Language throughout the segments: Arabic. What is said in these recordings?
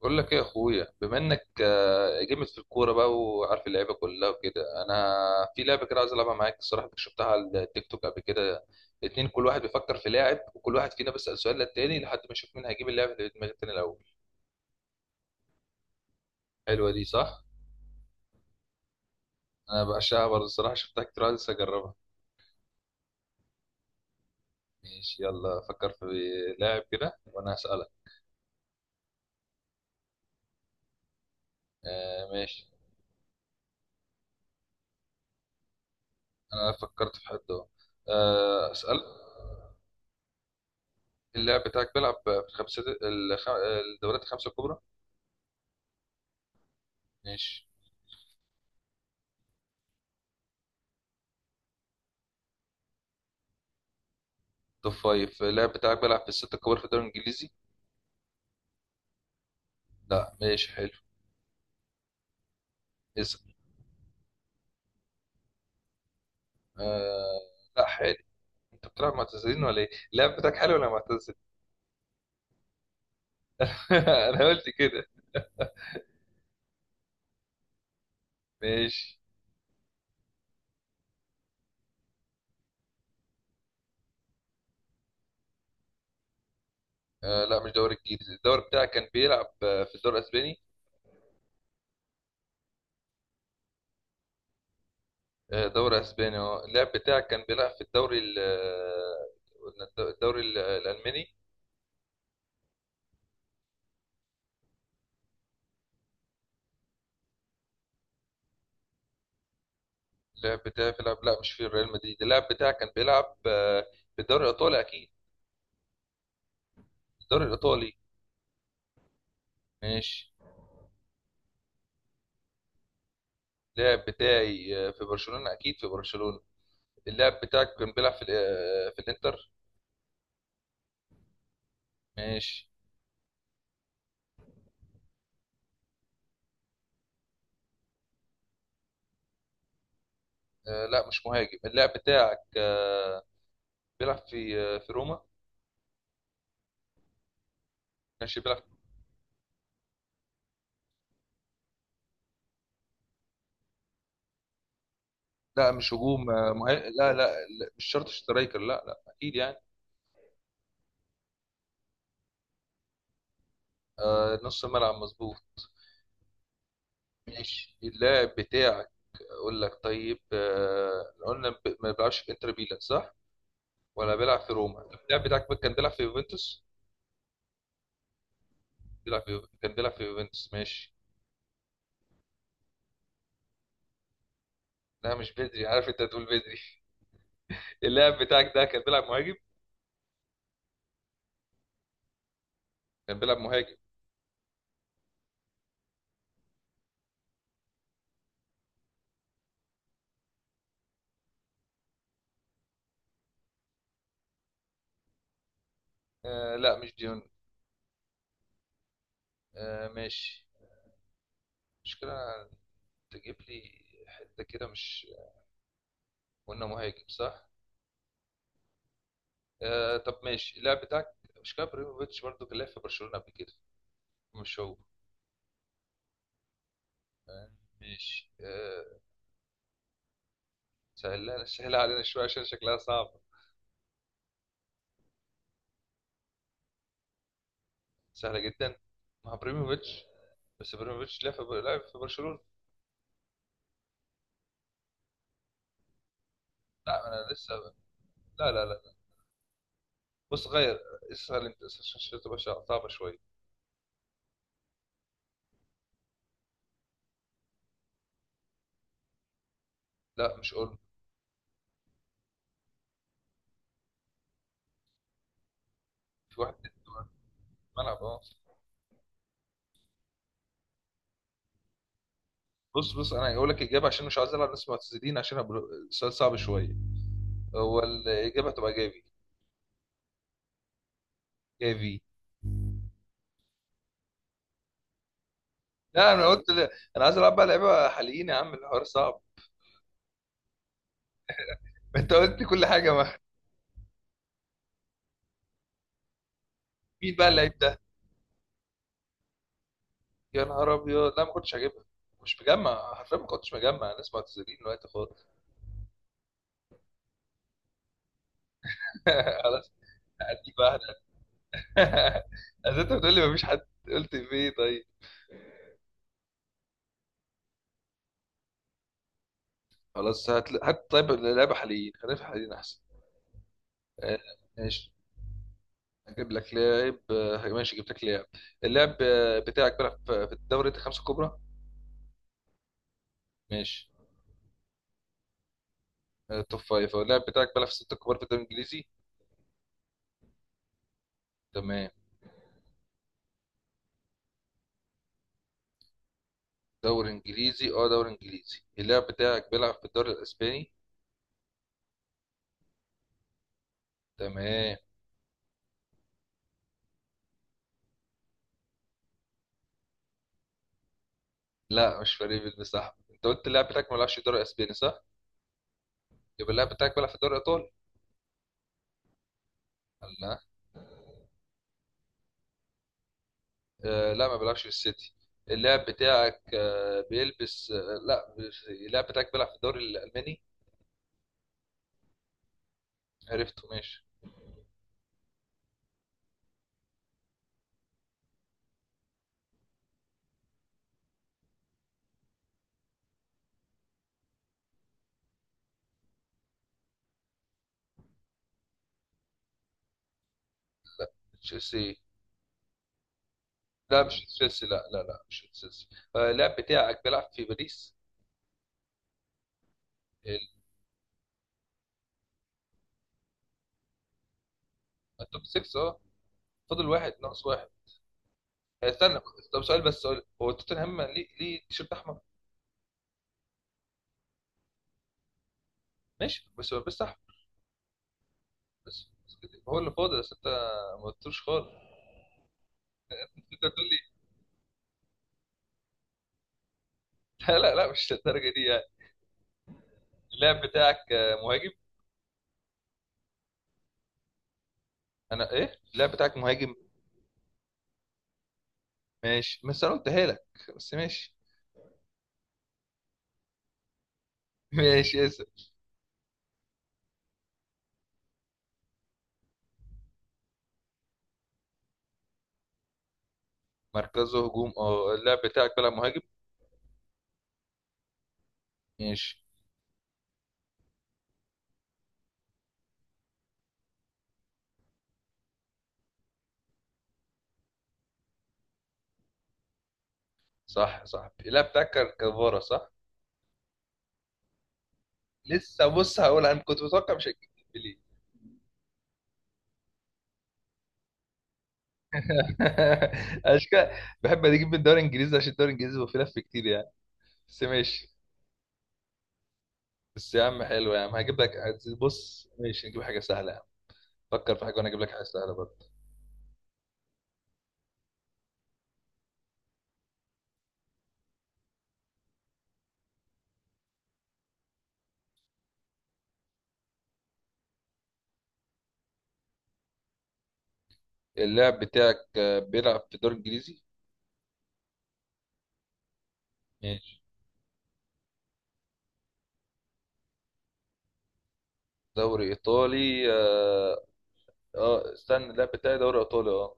بقول لك ايه يا اخويا؟ بما انك جامد في الكوره بقى وعارف اللعيبه كلها وكده، انا في لعبه كده عايز العبها معاك. الصراحه كنت شفتها على التيك توك قبل كده. اتنين، كل واحد بيفكر في لاعب وكل واحد فينا بيسال سؤال للتاني لحد ما يشوف مين هيجيب اللاعب اللي في دماغ التاني الاول. حلوه دي، صح؟ انا بعشقها برضه، الصراحه شفتها كتير، عايز اجربها. ماشي، يلا فكر في لاعب كده وانا هسالك. ماشي. انا فكرت في حد اهو. اسال. اللاعب بتاعك بيلعب في الخمسة الدوريات الخمسه الكبرى؟ ماشي. توب فايف. اللاعب بتاعك بيلعب في الستة الكبار في الدوري الإنجليزي؟ لا، ماشي، حلو. اسأل. آه لا، حلو. أنت بتلعب معتزلين ولا إيه؟ اللاعب بتاعك حلو ولا معتزل؟ أنا قلت كده. ماشي. لا، مش دوري إنجليزي. الدوري بتاعك كان بيلعب في الدوري الأسباني؟ دوري أسباني. اللاعب بتاعك كان بيلعب في الدوري قلنا الدوري الألماني؟ اللاعب بتاعي بيلعب، لا مش في ريال مدريد. اللاعب بتاعك كان بيلعب في الدوري الإيطالي أكيد؟ الدوري الإيطالي. ماشي. اللاعب بتاعي في برشلونة، أكيد في برشلونة. اللاعب بتاعك كان بيلعب في في الإنتر؟ ماشي. لا، مش مهاجم. اللاعب بتاعك بيلعب في في روما؟ ماشي، بيلعب. لا، مش هجوم، لا, لا لا. مش شرط سترايكر، لا لا، أكيد يعني. نص ملعب مظبوط. ماشي. اللاعب بتاعك أقول لك، طيب قلنا ما بيلعبش في إنتر ميلان، صح؟ ولا بيلعب في روما؟ اللاعب بتاعك كان بيلعب في يوفنتوس؟ كان بيلعب في يوفنتوس. ماشي. لا، مش بدري، عارف انت هتقول بدري. اللاعب بتاعك ده كان بيلعب مهاجم. كان بيلعب مهاجم. لا، مش ديون. ماشي. مشكلة تجيب لي حتة كده! مش قلنا مهاجم، صح؟ طب ماشي. اللاعب بتاعك مش كان ابراهيموفيتش برضه كان لاعب في برشلونة قبل كده؟ مش هو؟ آه ماشي. سهلها سهلها علينا شوية، عشان شكلها صعب. سهلة جدا. مع ابراهيموفيتش؟ بس ابراهيموفيتش لعب في برشلونة. لا، انا لسه. لا لا لا. بص، غير اسهل، انت اسهل عشان تبقى صعبة شوية. لا، مش اولمو. في واحد تاني. ملعب اه بص بص، انا هقول لك اجابه عشان مش عايز العب ناس معتزلين، عشان السؤال صعب شويه. هو الاجابه هتبقى جافي. جافي. لا، انا قلت لا. انا عايز العب بقى لعيبه حاليين يا عم، الحوار صعب. انت قلت كل حاجه ما. مين بقى اللعيب ده؟ يا نهار ابيض! لا، ما كنتش هجيبها. مش مجمع حرفيا، ما كنتش مجمع ناس معتزلين دلوقتي خالص. خلاص. هديك واحده. اذا انت بتقول لي ما فيش حد، قلت في ايه طيب؟ خلاص، هات هات. طيب لعيبه حاليين، خلينا في حاليين احسن. آه، ماشي. اجيب لك لاعب. ماشي، جبت لك لاعب. اللاعب بتاعك بيلعب في الدوري الخمسه الكبرى. ماشي. توب فايف. اللاعب بتاعك بيلعب في الستة الكبار في الدوري الانجليزي؟ تمام. دوري انجليزي، دوري انجليزي. اللاعب بتاعك بيلعب في الدوري الاسباني؟ تمام. لا، مش فريق بن. صح، انت قلت اللاعب بتاعك ما بيلعبش في الدوري الاسباني، صح؟ يبقى اللاعب بتاعك بيلعب في الدوري الايطالي؟ لا. لا، ما بيلعبش في السيتي. اللاعب بتاعك بيلبس لا. اللاعب بتاعك بيلعب في الدوري الالماني؟ عرفته. ماشي. تشيلسي؟ لا، مش تشيلسي. لا لا لا، مش تشيلسي. اللاعب بتاعك بيلعب في باريس ال- التوب 6، فاضل واحد، ناقص واحد. استنى. طب سؤال، بس سؤال: هو توتنهام ليه ليه تيشيرت احمر؟ ماشي، بس بس احمر. بس بس كده. هو اللي فاضل، بس انت ما قلتوش خالص. انت تقول لي! لا لا لا، مش للدرجه دي يعني. اللاعب بتاعك مهاجم؟ انا ايه! اللاعب بتاعك مهاجم. ماشي، بس انا قلتها لك. بس ماشي. ماشي، اسف. مركزه هجوم، اللاعب بتاعك بيلعب مهاجم. ماشي. صح صح، اللاعب بتاعك كفارة، صح. لسه، بص، هقول انا كنت متوقع مش هتجيب ديمبلي. اشكال. بحب اجيب من الدوري الانجليزي عشان الدوري الانجليزي بيبقى فيه لف كتير يعني. بس ماشي. بس يا عم، حلو. يا عم هجيب لك. بص، ماشي، نجيب حاجه سهله يا عم. فكر في حاجه وانا اجيب لك حاجه سهله برضه. اللاعب بتاعك بيلعب في الدوري الانجليزي؟ ماشي. دوري ايطالي، اه. استنى، اللاعب بتاعي دوري ايطالي، اه؟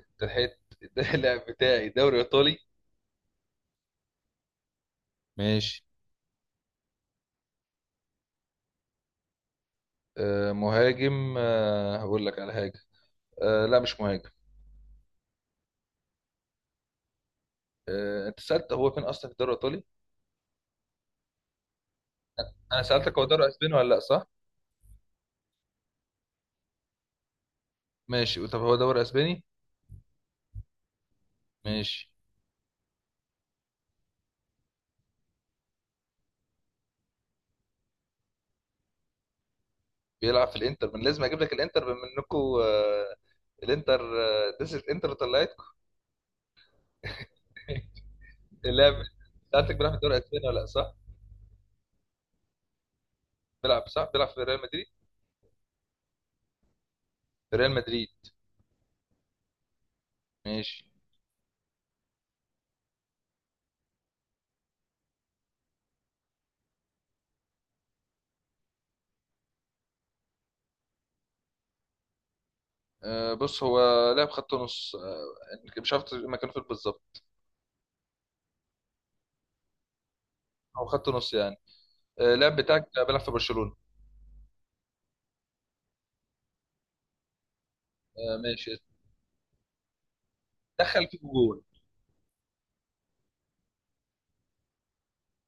أنت لحقت؟ اللاعب بتاعي دوري ايطالي. ماشي. مهاجم، هقول لك على حاجه. لا، مش مهاجم. انت سالت هو فين اصلا في الدوري الايطالي؟ انا سالتك هو دوري اسباني ولا لا، صح؟ ماشي، طب هو دوري اسباني. ماشي. بيلعب في الانتر، من لازم اجيب لك الانتر بما انكم. الانتر. ديس الانتر طلعت. اللاعب سالتك بيلعب في الدوري الاسباني ولا لا، صح؟ بيلعب، صح، بيلعب في ريال مدريد؟ في ريال مدريد. ماشي. بص، هو لاعب خط نص، مش عارف مكانه فين بالظبط. هو خط نص يعني. اللاعب بتاعك بيلعب في برشلونة؟ ماشي. دخل فيكم جول.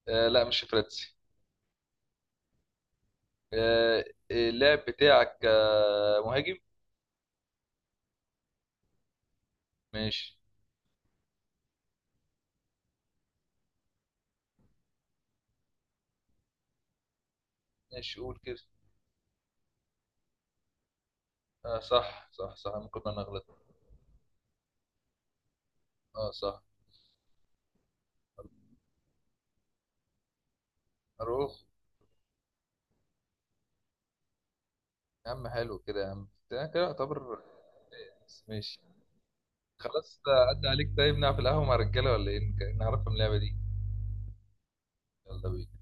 لا، مش فراتسي. آه، اللاعب بتاعك مهاجم؟ ماشي. ماشي، قول كده. صح صح صح، ممكن انا اغلط. اه، صح. اروح؟ يا عم حلو كده، يا عم ده كده يعتبر. ماشي. خلاص. عدى عليك. طيب نلعب في القهوة مع الرجالة ولا ايه؟ نعرفهم اللعبة دي. يلا بينا.